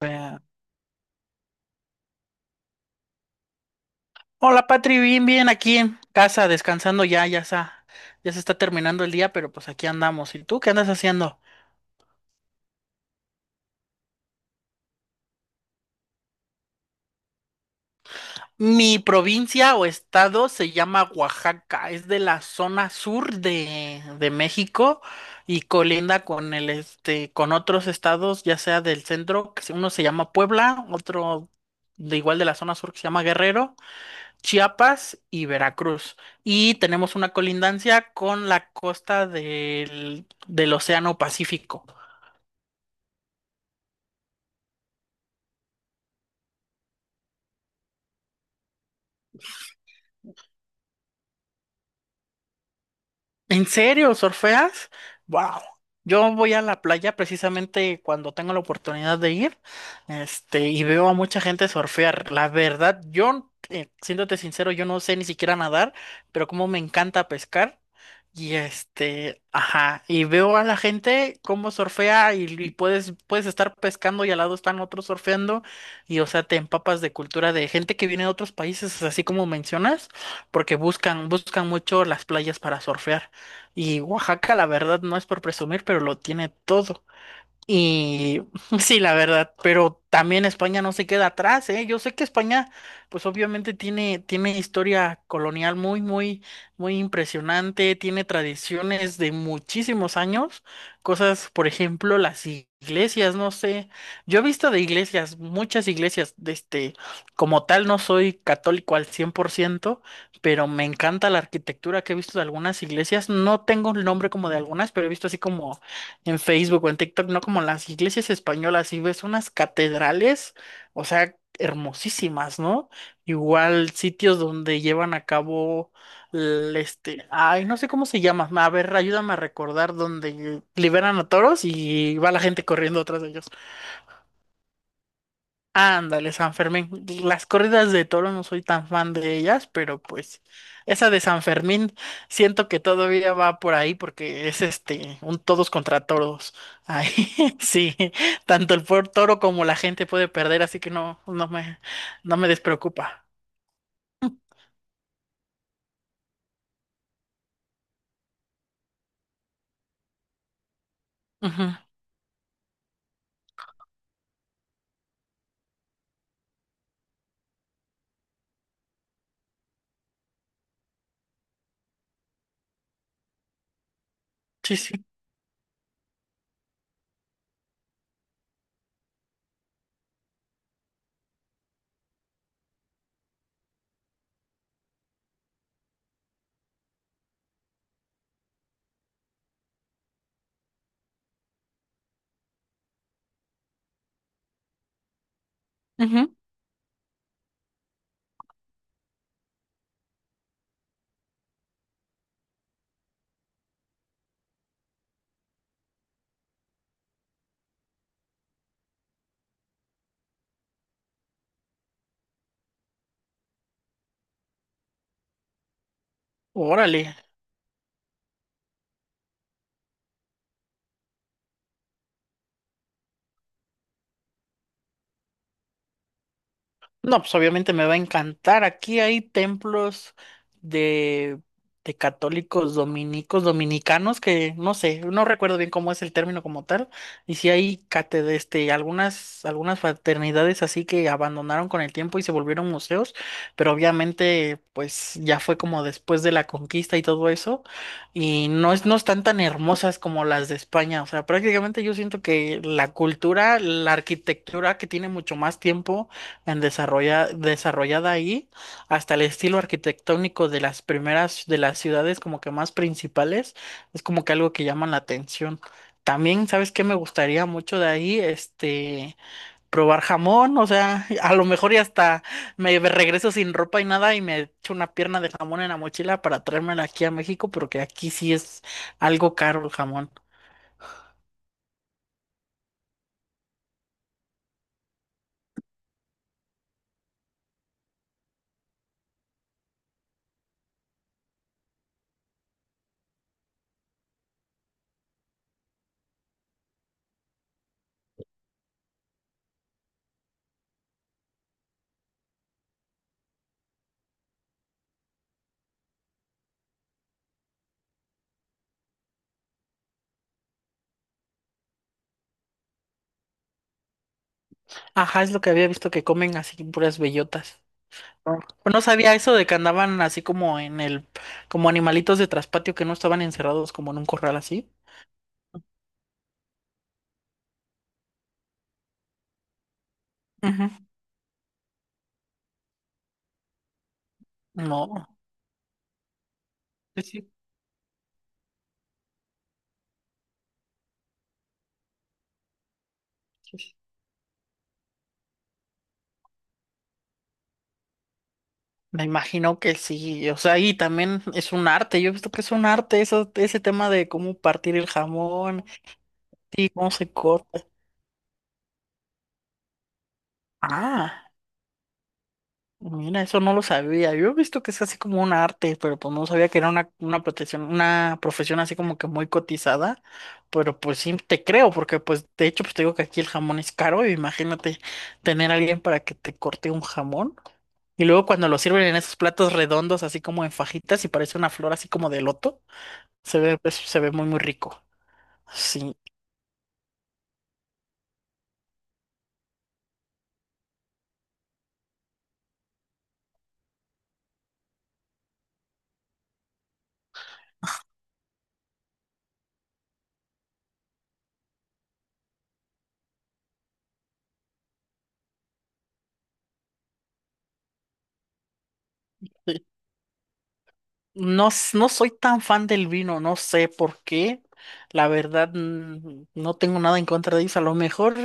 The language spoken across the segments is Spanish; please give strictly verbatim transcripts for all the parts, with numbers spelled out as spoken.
Eh, Hola Patri, bien, bien, aquí en casa, descansando ya, ya se, ya se está terminando el día, pero pues aquí andamos. ¿Y tú qué andas haciendo? Mi provincia o estado se llama Oaxaca, es de la zona sur de, de México y colinda con el este, con otros estados, ya sea del centro, que se- uno se llama Puebla, otro de igual de la zona sur que se llama Guerrero, Chiapas y Veracruz. Y tenemos una colindancia con la costa del, del Océano Pacífico. ¿En serio? ¿Surfeas? Wow. Yo voy a la playa precisamente cuando tengo la oportunidad de ir, este, y veo a mucha gente surfear. La verdad, yo, eh, siéndote sincero, yo no sé ni siquiera nadar, pero como me encanta pescar. Y este, ajá, y veo a la gente cómo surfea y, y puedes, puedes estar pescando y al lado están otros surfeando y o sea, te empapas de cultura de gente que viene de otros países, así como mencionas, porque buscan, buscan mucho las playas para surfear. Y Oaxaca, la verdad, no es por presumir, pero lo tiene todo. Y sí, la verdad, pero también España no se queda atrás, ¿eh? Yo sé que España, pues obviamente tiene, tiene historia colonial muy, muy, muy impresionante, tiene tradiciones de muchísimos años, cosas, por ejemplo, las iglesias, no sé, yo he visto de iglesias, muchas iglesias, de este, como tal no soy católico al cien por ciento, pero me encanta la arquitectura que he visto de algunas iglesias, no tengo el nombre como de algunas, pero he visto así como en Facebook o en TikTok, ¿no? Como las iglesias españolas, y ves unas catedrales, o sea, hermosísimas, ¿no? Igual sitios donde llevan a cabo, el, este, ay, no sé cómo se llama, a ver, ayúdame a recordar donde liberan a toros y va la gente corriendo atrás de ellos. Ándale, San Fermín. Las corridas de toro no soy tan fan de ellas, pero pues esa de San Fermín siento que todavía va por ahí porque es este un todos contra todos. Ahí sí, tanto el por toro como la gente puede perder, así que no, no me, no me despreocupa. Ujú. Sí, sí. Ujú. Órale. No, pues obviamente me va a encantar. Aquí hay templos de, de católicos dominicos, dominicanos, que no sé, no recuerdo bien cómo es el término como tal. Y si hay cátedra, este, algunas, algunas fraternidades así que abandonaron con el tiempo y se volvieron museos, pero obviamente, pues ya fue como después de la conquista y todo eso. Y no es, no están tan hermosas como las de España. O sea, prácticamente yo siento que la cultura, la arquitectura que tiene mucho más tiempo en desarrolla- desarrollada ahí, hasta el estilo arquitectónico de las primeras, de las ciudades como que más principales, es como que algo que llama la atención. También, ¿sabes qué me gustaría mucho de ahí? Este, probar jamón, o sea, a lo mejor y hasta me regreso sin ropa y nada y me echo una pierna de jamón en la mochila para traérmela aquí a México, porque aquí sí es algo caro el jamón. Ajá, es lo que había visto que comen así puras bellotas. Pero no sabía eso de que andaban así como en el, como animalitos de traspatio que no estaban encerrados como en un corral así. Ujú. No. Sí, sí, sí, sí, me imagino que sí, o sea, y también es un arte, yo he visto que es un arte eso, ese tema de cómo partir el jamón y cómo se corta. Ah. Mira, eso no lo sabía. Yo he visto que es así como un arte, pero pues no sabía que era una, una protección, una profesión así como que muy cotizada. Pero pues sí te creo, porque pues de hecho pues te digo que aquí el jamón es caro, y imagínate tener a alguien para que te corte un jamón. Y luego cuando lo sirven en esos platos redondos, así como en fajitas, y parece una flor así como de loto, se ve, pues, se ve muy muy rico. Sí. No, s- no soy tan fan del vino, no sé por qué. La verdad, mm, no tengo nada en contra de ellos. A lo mejor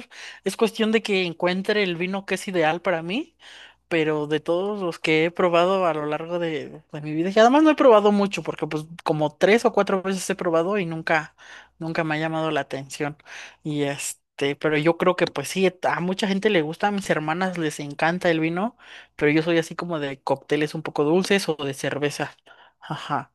es cuestión de que encuentre el vino que es ideal para mí, pero de todos los que he probado a lo largo de, de mi vida, y además no he probado mucho, porque pues como tres o cuatro veces he probado y nunca, nunca me ha llamado la atención. Y este, pero yo creo que pues sí, a mucha gente le gusta, a mis hermanas les encanta el vino, pero yo soy así como de cócteles un poco dulces o de cerveza. Ajá.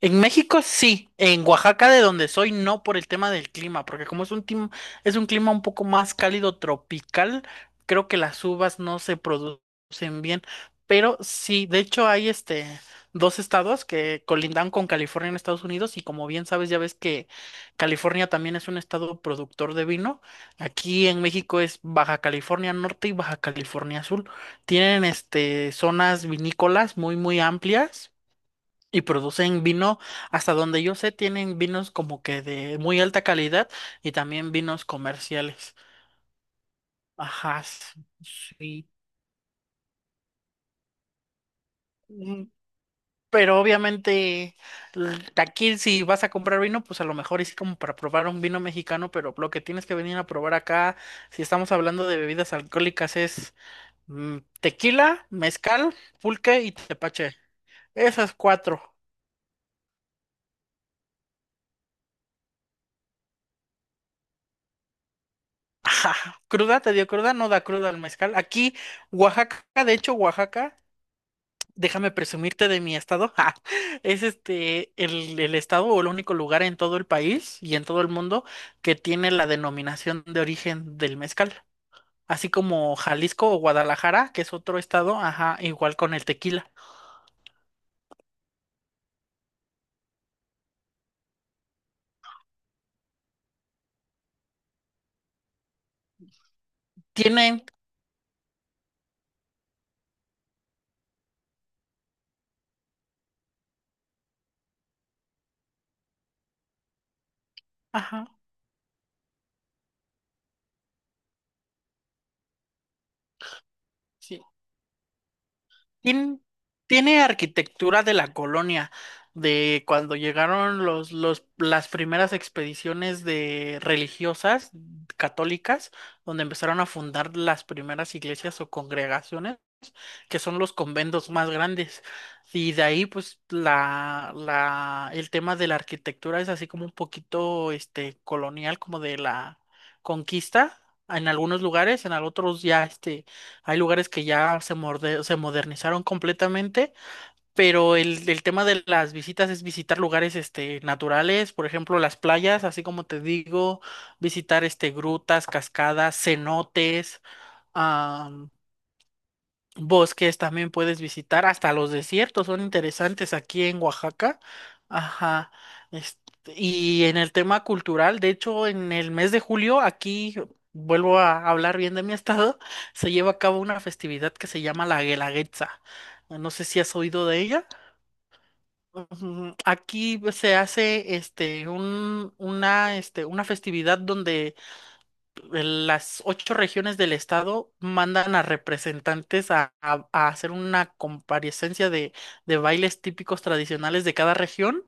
En México sí, en Oaxaca de donde soy no por el tema del clima, porque como es un tim- es un clima un poco más cálido tropical, creo que las uvas no se producen bien, pero sí, de hecho hay este dos estados que colindan con California en Estados Unidos y como bien sabes ya ves que California también es un estado productor de vino. Aquí en México es Baja California Norte y Baja California Sur. Tienen este zonas vinícolas muy muy amplias y producen vino, hasta donde yo sé, tienen vinos como que de muy alta calidad y también vinos comerciales. Ajá, s- sí. Mm. Pero obviamente l- aquí si vas a comprar vino, pues a lo mejor es como para probar un vino mexicano, pero lo que tienes que venir a probar acá, si estamos hablando de bebidas alcohólicas, es mm, tequila, mezcal, pulque y tepache. Esas cuatro. Ajá. Cruda, te dio cruda, no da cruda al mezcal. Aquí, Oaxaca, de hecho, Oaxaca, déjame presumirte de mi estado, ja, es este el, el estado o el único lugar en todo el país y en todo el mundo que tiene la denominación de origen del mezcal. Así como Jalisco o Guadalajara, que es otro estado, ajá, igual con el tequila. Tienen, ajá. Sí. Tien- Tiene arquitectura de la colonia, de cuando llegaron los, los, las primeras expediciones de religiosas católicas, donde empezaron a fundar las primeras iglesias o congregaciones que son los conventos más grandes. Y de ahí, pues, la, la, el tema de la arquitectura es así como un poquito, este, colonial, como de la conquista. En algunos lugares, en al- otros ya, este, hay lugares que ya se, morde- se modernizaron completamente, pero el, el tema de las visitas es visitar lugares, este, naturales, por ejemplo, las playas, así como te digo, visitar, este, grutas, cascadas, cenotes, bosques también puedes visitar, hasta los desiertos son interesantes aquí en Oaxaca. Ajá. este, y en el tema cultural, de hecho, en el mes de julio, aquí vuelvo a hablar bien de mi estado, se lleva a cabo una festividad que se llama la Guelaguetza. No sé si has oído de ella. Ujú. Aquí pues, se hace este un, una, este, una festividad donde las ocho regiones del estado mandan a representantes a, a- a hacer una comparecencia de, de bailes típicos tradicionales de cada región.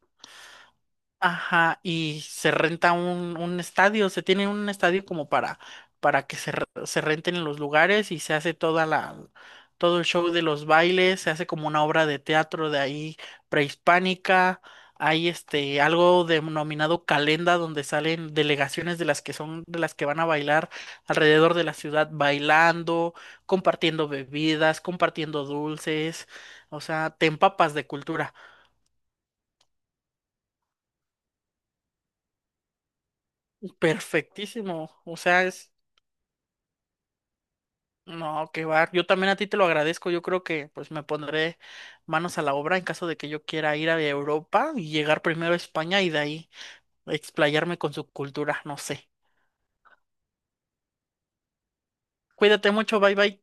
Ajá, y se renta un, un estadio, se tiene un estadio como para, para que se, re- se renten los lugares y se hace toda la, todo el show de los bailes, se hace como una obra de teatro de ahí prehispánica, hay este algo denominado calenda donde salen delegaciones de las que son, de las que van a bailar alrededor de la ciudad bailando, compartiendo bebidas, compartiendo dulces, o sea, te empapas de cultura. Perfectísimo, o sea, es... No, qué va. Yo también a ti te lo agradezco. Yo creo que pues me pondré manos a la obra en caso de que yo quiera ir a Europa y llegar primero a España y de ahí explayarme con su cultura. No sé. Cuídate mucho. Bye bye.